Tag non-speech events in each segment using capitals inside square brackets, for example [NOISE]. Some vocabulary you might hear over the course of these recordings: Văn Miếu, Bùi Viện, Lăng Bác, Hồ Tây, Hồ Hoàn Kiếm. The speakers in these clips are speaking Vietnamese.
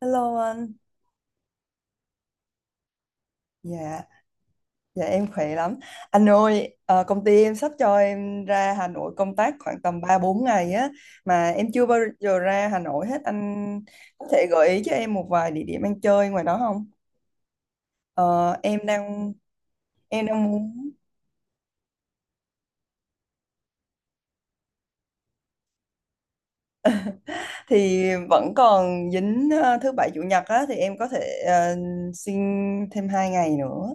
Hello anh, dạ, dạ em khỏe lắm. Anh ơi, công ty em sắp cho em ra Hà Nội công tác khoảng tầm 3 4 ngày á, mà em chưa bao giờ ra Hà Nội hết. Anh có thể gợi ý cho em một vài địa điểm ăn chơi ngoài đó không? Ờ, em đang em đang muốn thì vẫn còn dính thứ bảy chủ nhật á, thì em có thể ờ, xin thêm 2 ngày nữa.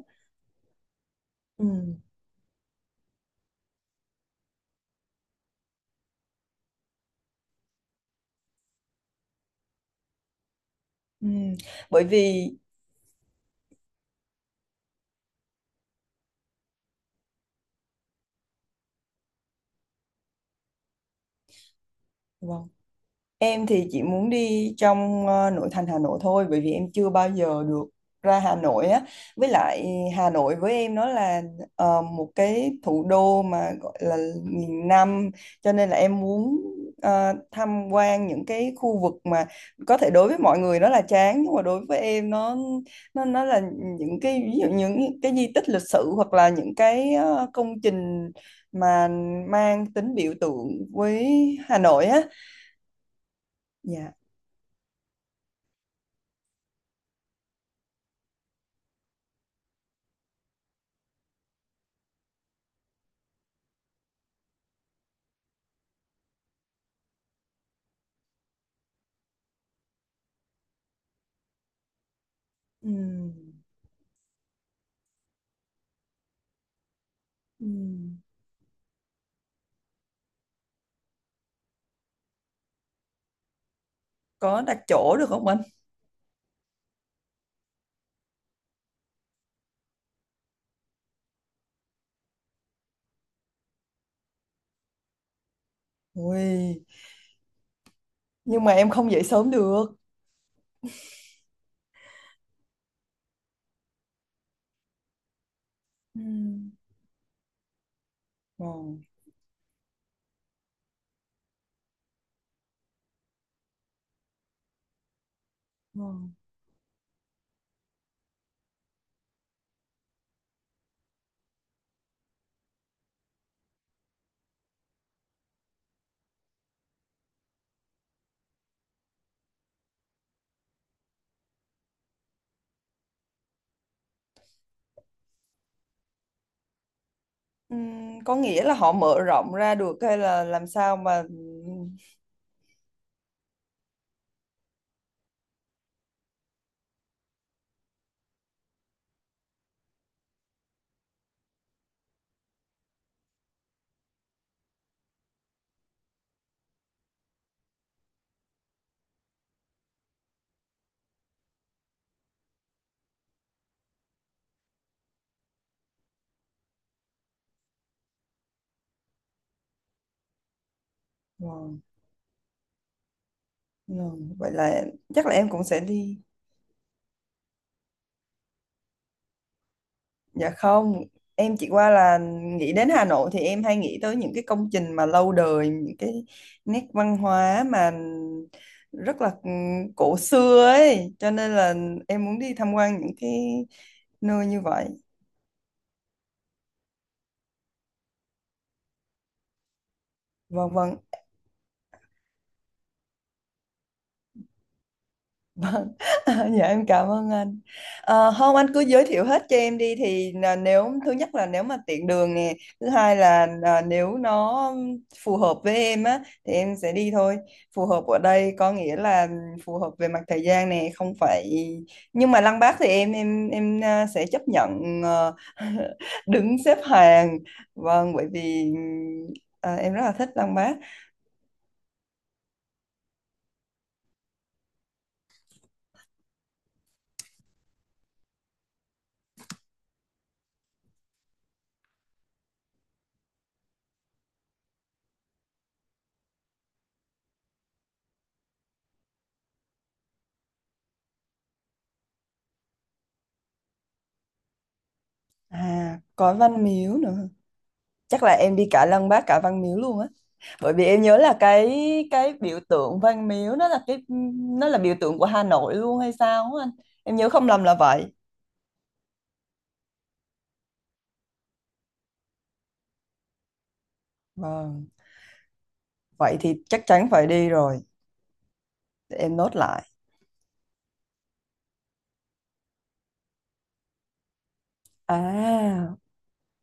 Ừ. Ừ. Bởi vì vâng. Em thì chỉ muốn đi trong nội thành Hà Nội thôi bởi vì em chưa bao giờ được ra Hà Nội á. Với lại Hà Nội với em nó là một cái thủ đô mà gọi là nghìn năm cho nên là em muốn tham quan những cái khu vực mà có thể đối với mọi người nó là chán nhưng mà đối với em nó là những cái ví dụ những cái di tích lịch sử hoặc là những cái công trình mà mang tính biểu tượng với Hà Nội á. Dạ. Ừ. Ừ. Có đặt chỗ được không anh? Ui, nhưng mà em không dậy sớm được. Ừ. Ngon, ngon. Ừ, có nghĩa là họ mở rộng ra được hay là làm sao mà ngon, ngon. Vậy là chắc là em cũng sẽ đi. Dạ không, em chỉ qua là nghĩ đến Hà Nội thì em hay nghĩ tới những cái công trình mà lâu đời, những cái nét văn hóa mà rất là cổ xưa ấy, cho nên là em muốn đi tham quan những cái nơi như vậy. Vâng, vâng, [LAUGHS] dạ em cảm ơn anh. Không anh cứ giới thiệu hết cho em đi thì là nếu thứ nhất là nếu mà tiện đường nè, thứ hai là nếu nó phù hợp với em á thì em sẽ đi thôi. Phù hợp ở đây có nghĩa là phù hợp về mặt thời gian nè, không phải. Nhưng mà Lăng Bác thì em sẽ chấp nhận [LAUGHS] đứng xếp hàng, vâng, bởi vì em rất là thích Lăng Bác. À, có Văn Miếu nữa, chắc là em đi cả Lăng Bác cả Văn Miếu luôn á, bởi vì em nhớ là cái biểu tượng Văn Miếu nó là cái, nó là biểu tượng của Hà Nội luôn hay sao á anh, em nhớ không lầm là vậy. Vâng, vậy thì chắc chắn phải đi rồi, để em nốt lại. À,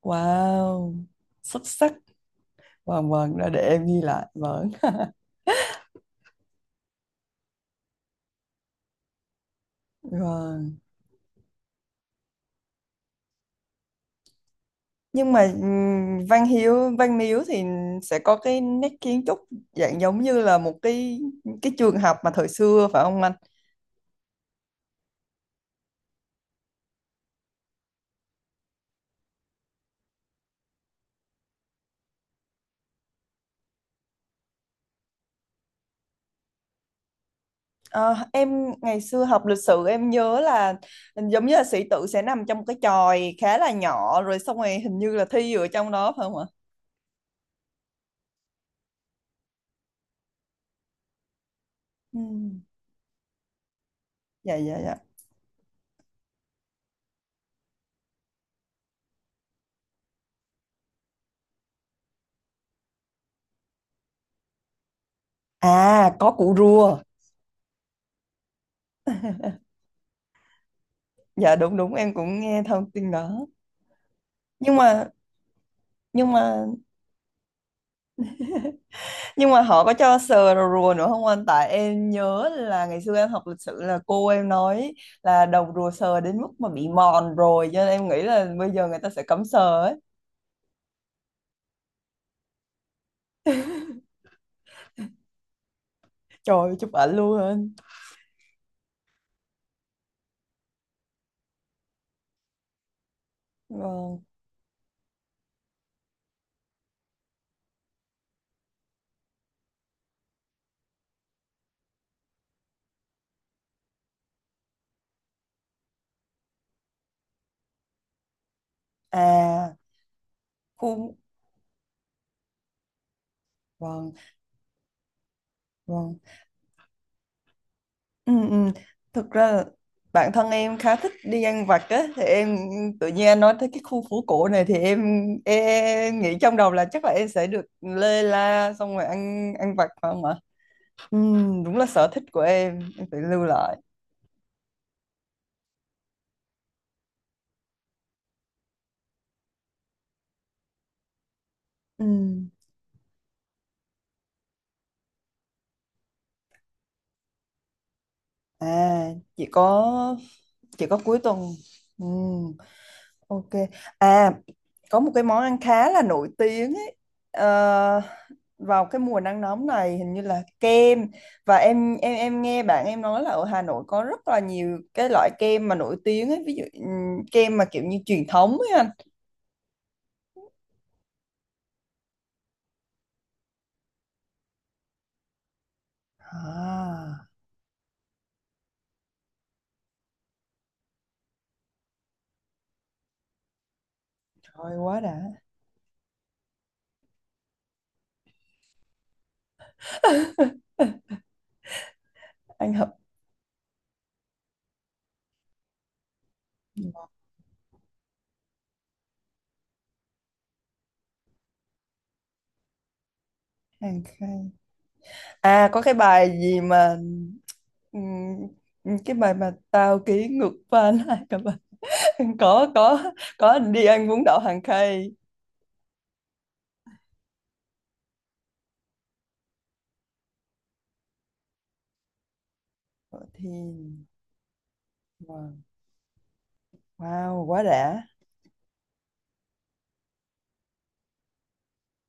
wow, xuất sắc. Vâng vâng, đó để em ghi lại. Vâng, vâng. Nhưng mà Văn Miếu thì sẽ có cái nét kiến trúc dạng giống như là một cái trường học mà thời xưa phải không anh? Ờ, em ngày xưa học lịch sử em nhớ là giống như là sĩ tử sẽ nằm trong một cái chòi khá là nhỏ, rồi xong rồi hình như là thi ở trong đó phải không ạ? Ừ. Dạ dạ dạ. À có củ rùa. Dạ đúng đúng, em cũng nghe thông tin đó. Nhưng mà, nhưng mà nhưng mà họ có cho sờ đầu rùa nữa không anh? Tại em nhớ là ngày xưa em học lịch sử là cô em nói là đầu rùa sờ đến mức mà bị mòn rồi, cho nên em nghĩ là bây giờ người ta sẽ cấm sờ ấy. Trời ơi, chụp ảnh luôn anh. Vâng. À, khu, vâng vâng, ừ, ừ, thực ra là bản thân em khá thích đi ăn vặt á, thì em tự nhiên anh nói tới cái khu phố cổ này thì em nghĩ trong đầu là chắc là em sẽ được lê la xong rồi ăn, ăn vặt phải không ạ? Ừ, đúng là sở thích của em phải lưu lại. Ừ. À, chỉ có, chỉ có cuối tuần. Ừ. Ok. À, có một cái món ăn khá là nổi tiếng ấy. Ờ, vào cái mùa nắng nóng này hình như là kem, và em nghe bạn em nói là ở Hà Nội có rất là nhiều cái loại kem mà nổi tiếng ấy, ví dụ kem mà kiểu như truyền thống ấy anh. À, trời quá đã. Anh hợp hàng khay. À có cái bài gì mà ừm, cái bài mà tao ký ngược pha lại cả bài. [LAUGHS] có có có đi ăn bún đậu hàng khay. Thọ Thiên, wow. Wow quá đã.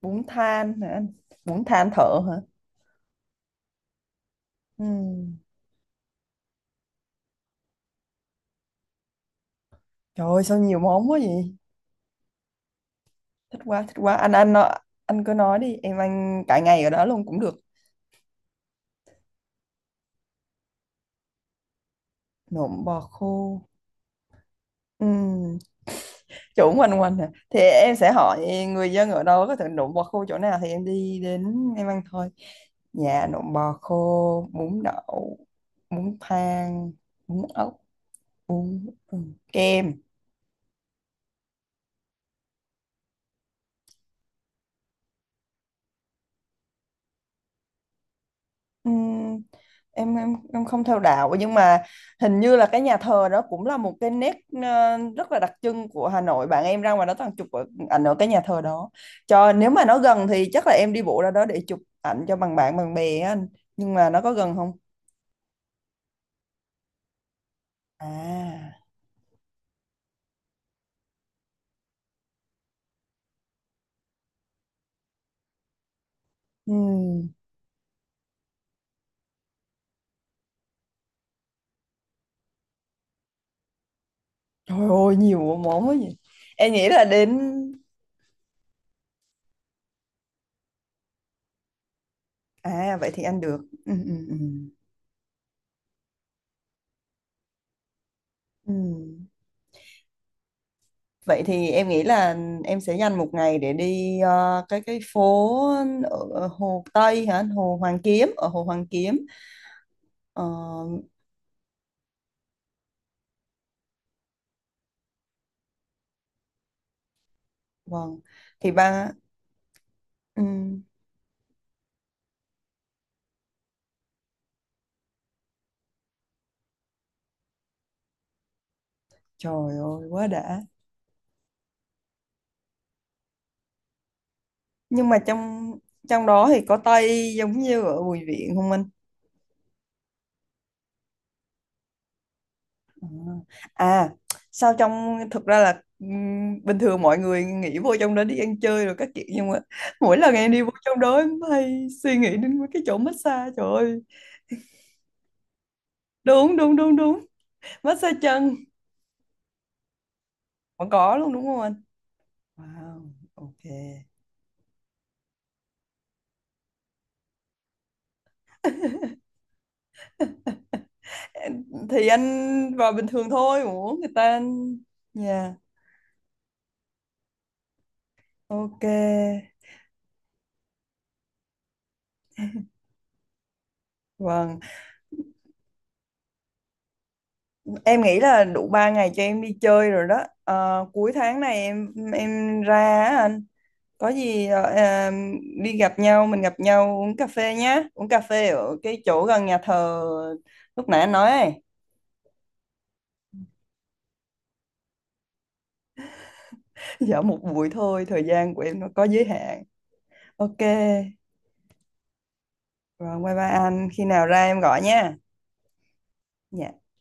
Bún than hả anh? Bún than thợ hả? Ừ, trời ơi sao nhiều món quá vậy. Thích quá, thích quá anh nó, anh cứ nói đi em ăn cả ngày ở đó luôn cũng được. Nộm bò khô. Ừ, chỗ quanh quanh hả, thì em sẽ hỏi người dân ở đâu có thể nộm bò khô chỗ nào thì em đi đến em ăn thôi. Dạ nộm bò khô, bún đậu, bún thang, bún ốc, bún, kem. Ừm, em không theo đạo, nhưng mà hình như là cái nhà thờ đó cũng là một cái nét rất là đặc trưng của Hà Nội, bạn em ra ngoài đó toàn chụp ở- ảnh ở cái nhà thờ đó, cho nếu mà nó gần thì chắc là em đi bộ ra đó để chụp ảnh cho bằng bạn bằng bè á anh, nhưng mà nó có gần không? À, ừm, trời ơi nhiều món quá vậy, em nghĩ là đến. À vậy thì anh được. Ừm, ừm, ừm. Ừm. Vậy thì em nghĩ là em sẽ dành một ngày để đi cái phố ở Hồ Tây hả? Hồ Hoàn Kiếm, ở Hồ Hoàn Kiếm. Ờ, vâng. Thì ba, ừm, trời ơi quá đã. Nhưng mà trong, trong đó thì có Tây giống như ở Bùi Viện không anh? À, à, sao trong, thực ra là bình thường mọi người nghĩ vô trong đó đi ăn chơi rồi các kiểu, nhưng mà mỗi lần em đi vô trong đó em hay suy nghĩ đến mấy cái chỗ massage trời ơi. Đúng đúng đúng đúng. Massage chân vẫn có luôn đúng không anh? Wow, ok. Thì anh vào bình thường thôi mà muốn người ta, dạ, ok, vâng em nghĩ là đủ 3 ngày cho em đi chơi rồi đó. Ờ, cuối tháng này em ra á anh, có gì đi gặp nhau, mình gặp nhau uống cà phê nhá, uống cà phê ở cái chỗ gần nhà thờ lúc nãy anh nói ấy. [LAUGHS] Dạ một buổi thôi, thời gian của em nó có giới hạn. Ok. Rồi, bye bye anh. Khi nào ra em gọi nha. Dạ.